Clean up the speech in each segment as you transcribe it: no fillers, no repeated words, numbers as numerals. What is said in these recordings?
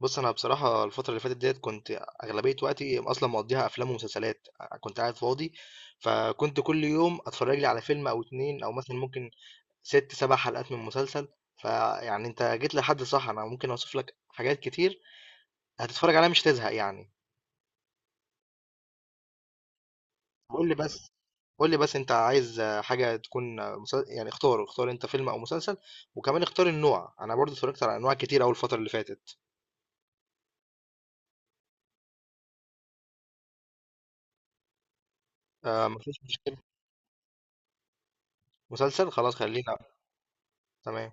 بُص، أنا بصراحة الفترة اللي فاتت ديّة كنت أغلبية وقتي أصلًا مقضّيها أفلام ومسلسلات، كنت قاعد فاضي، فكنت كل يوم أتفرّج لي على فيلم أو 2 أو مثلًا ممكن 6، 7 حلقات من مسلسل، فيعني أنت جيت لحد صح، أنا ممكن أوصف لك حاجات كتير هتتفرّج عليها مش هتزهق يعني. قُل لي بس قُل لي بس أنت عايز حاجة تكون مس يعني اختار، اختار أنت فيلم أو مسلسل وكمان اختار النوع، أنا برضه اتفرّجت على أنواع كتير أوي الفترة اللي فاتت. ما فيش مسلسل؟ خلاص خلّينا تمام.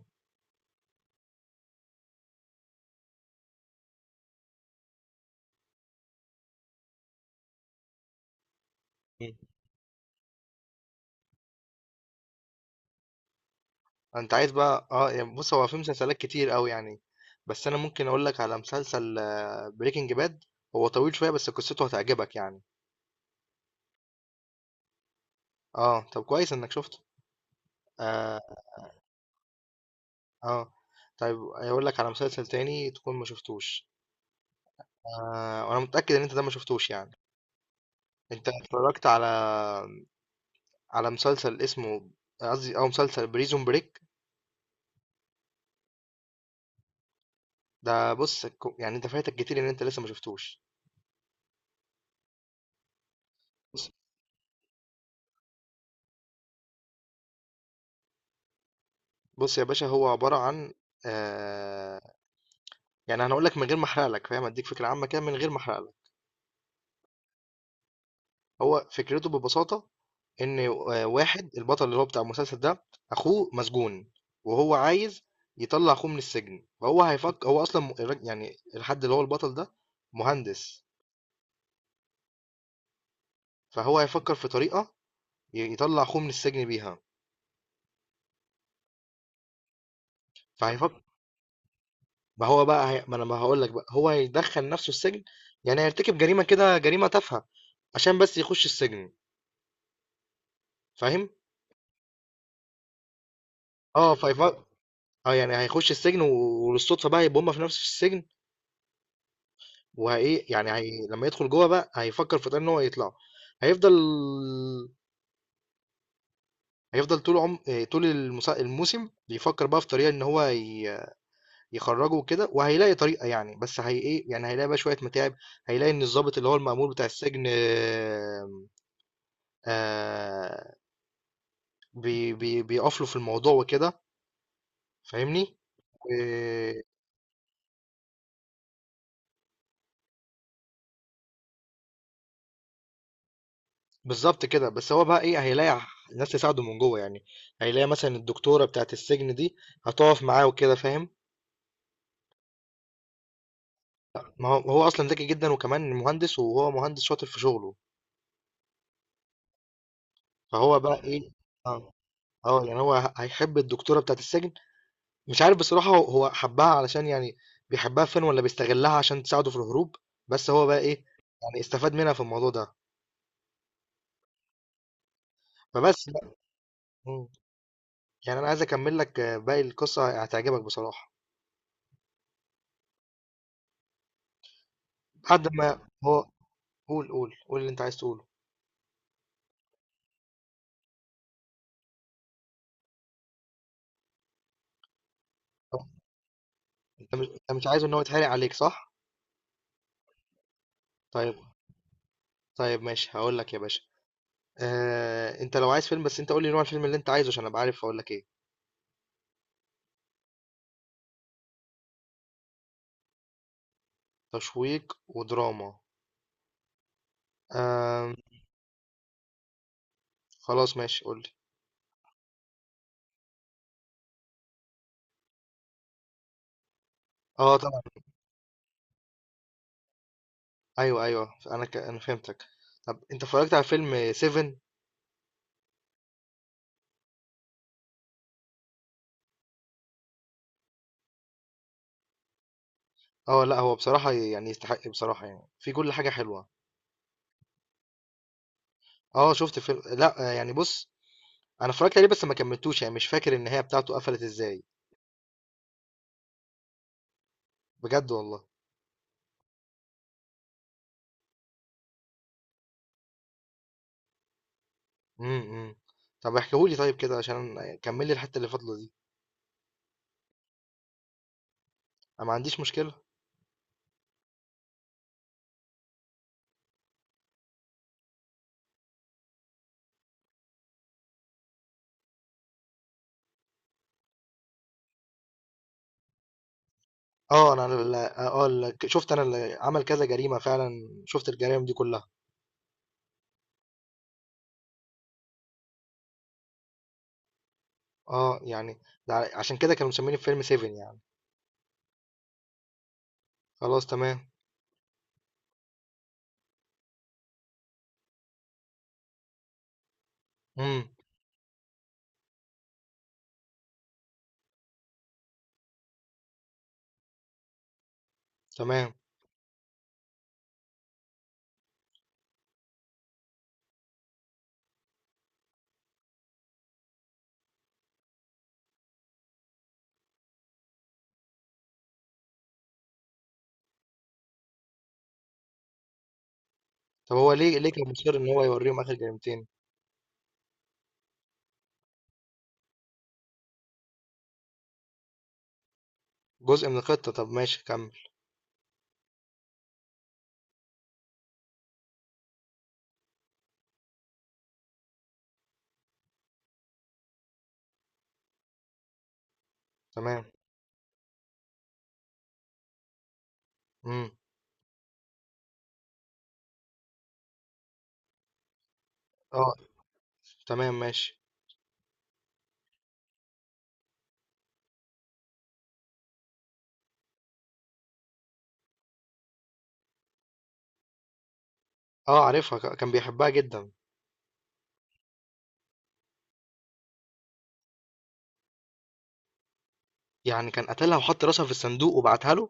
انت عايز بقى اه يعني بص هو في مسلسلات كتير قوي يعني، بس انا ممكن اقول لك على مسلسل بريكنج باد. هو طويل شويه بس قصته هتعجبك يعني. اه طب كويس انك شفته. اه اه طيب اقول لك على مسلسل تاني تكون ما شفتوش. آه وانا متاكد ان انت ده ما شفتوش يعني. انت اتفرجت على مسلسل اسمه، قصدي او مسلسل بريزون بريك. ده بص، يعني انت فايتك كتير ان انت لسه ما شفتوش. بص يا باشا، هو عباره عن آه، يعني انا هقول لك من غير ما احرق لك، فاهم، اديك فكره عامه كده من غير ما احرق لك. هو فكرته ببساطه ان آه، واحد البطل اللي هو بتاع المسلسل ده، اخوه مسجون وهو عايز يطلع اخوه من السجن. فهو هيفكر، هو اصلا يعني الحد اللي هو البطل ده مهندس. فهو هيفكر في طريقه يطلع اخوه من السجن بيها. فهيفكر، ما انا ما هقول لك بقى، هو هيدخل نفسه السجن، يعني هيرتكب جريمه كده، جريمه تافهه عشان بس يخش السجن. فاهم. اه فيفكر، اه يعني هيخش السجن وللصدفه بقى يبقى هما في نفس السجن. وهي يعني هي لما يدخل جوه بقى هيفكر في طريقة ان هو يطلع. هيفضل، هيفضل طول عم آه، طول الموسم بيفكر بقى في طريقه ان هو يخرجه وكده، وهيلاقي طريقه يعني، بس هي ايه يعني، هيلاقي بقى شويه متاعب. هيلاقي ان الضابط اللي هو المأمور بتاع السجن آه، آه، بيقف له في الموضوع وكده. فاهمني. بالظبط كده، بس هو بقى ايه، هيلاقي ناس تساعده من جوه يعني. هيلاقي مثلا الدكتورة بتاعة السجن دي هتقف معاه وكده، فاهم. ما هو اصلا ذكي جدا وكمان مهندس، وهو مهندس شاطر في شغله. فهو بقى ايه، اه اه يعني هو هيحب الدكتورة بتاعة السجن. مش عارف بصراحة، هو حبها علشان يعني، بيحبها فين ولا بيستغلها عشان تساعده في الهروب. بس هو بقى ايه، يعني استفاد منها في الموضوع ده. فبس بقى. مم. يعني انا عايز اكمل لك آه، باقي القصة هتعجبك بصراحة. بعد ما هو، قول اللي انت عايز تقوله. انت مش عايز ان هو يتحرق عليك صح. طيب طيب ماشي هقول لك يا باشا. آه، انت لو عايز فيلم بس انت قول لي نوع الفيلم اللي انت عايزه عشان ابقى عارف اقول لك ايه. تشويق ودراما، آه، خلاص ماشي قول لي. اه طبعا، ايوه انا فهمتك. طب انت اتفرجت على فيلم 7؟ اه لا، هو بصراحة يعني يستحق بصراحة يعني، في كل حاجة حلوة. اه شفت فيلم، لا آه، يعني بص، انا اتفرجت عليه بس ما كملتوش، يعني مش فاكر النهاية بتاعته قفلت ازاي. بجد والله. امم. إمم. طب احكيهولي طيب كده عشان كمل لي الحتة اللي فاضلة دي. أنا ما عنديش مشكلة. اه انا ال- اه ال- شفت انا اللي عمل كذا جريمة فعلا، شفت الجرائم دي كلها. اه يعني ده عشان كده كانوا مسميني في فيلم سيفن يعني. خلاص تمام. امم. تمام. طب هو ليه كان مصر ان هو يوريهم اخر جريمتين؟ جزء من الخطة، طب ماشي كمل. تمام. امم. اه تمام ماشي. اه عارفها، كان بيحبها جدا. يعني كان قتلها وحط راسها في الصندوق وبعتها له.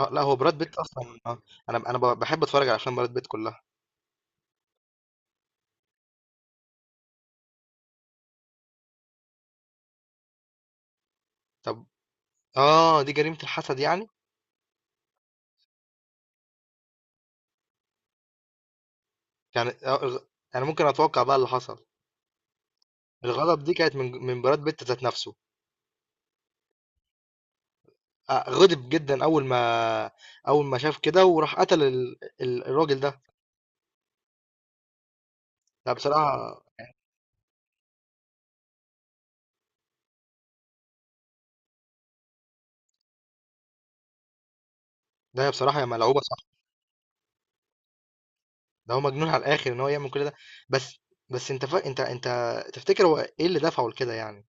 اه لا، هو براد بيت اصلا آه. انا بحب اتفرج على افلام براد بيت كلها. طب اه دي جريمة الحسد يعني. يعني آه، يعني ممكن اتوقع بقى اللي حصل. الغضب دي كانت من براد بيت ذات نفسه. آه، غضب جدا، اول ما شاف كده، وراح قتل الراجل ده. لا بصراحه، ده هي بصراحه هي ملعوبه صح. ده هو مجنون على الاخر ان هو يعمل كل ده. بس بس انت فا... انت انت تفتكر هو ايه اللي دفعه لكده يعني.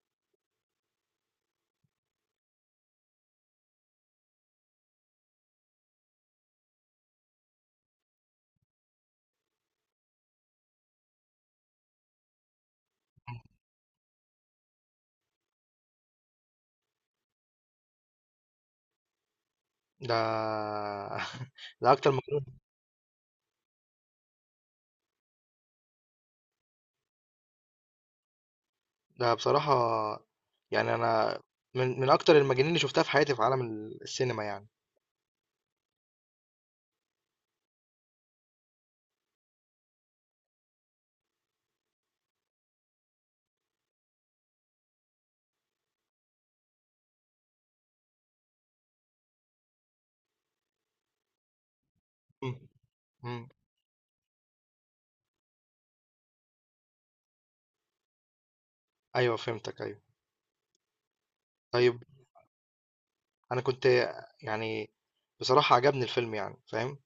ده ده اكتر مجنون. ده بصراحه، يعني انا من اكتر المجانين اللي شفتها في حياتي في عالم السينما يعني. مم. مم. ايوه فهمتك ايوه. طيب أنا كنت يعني، بصراحة عجبني الفيلم يعني، فاهم.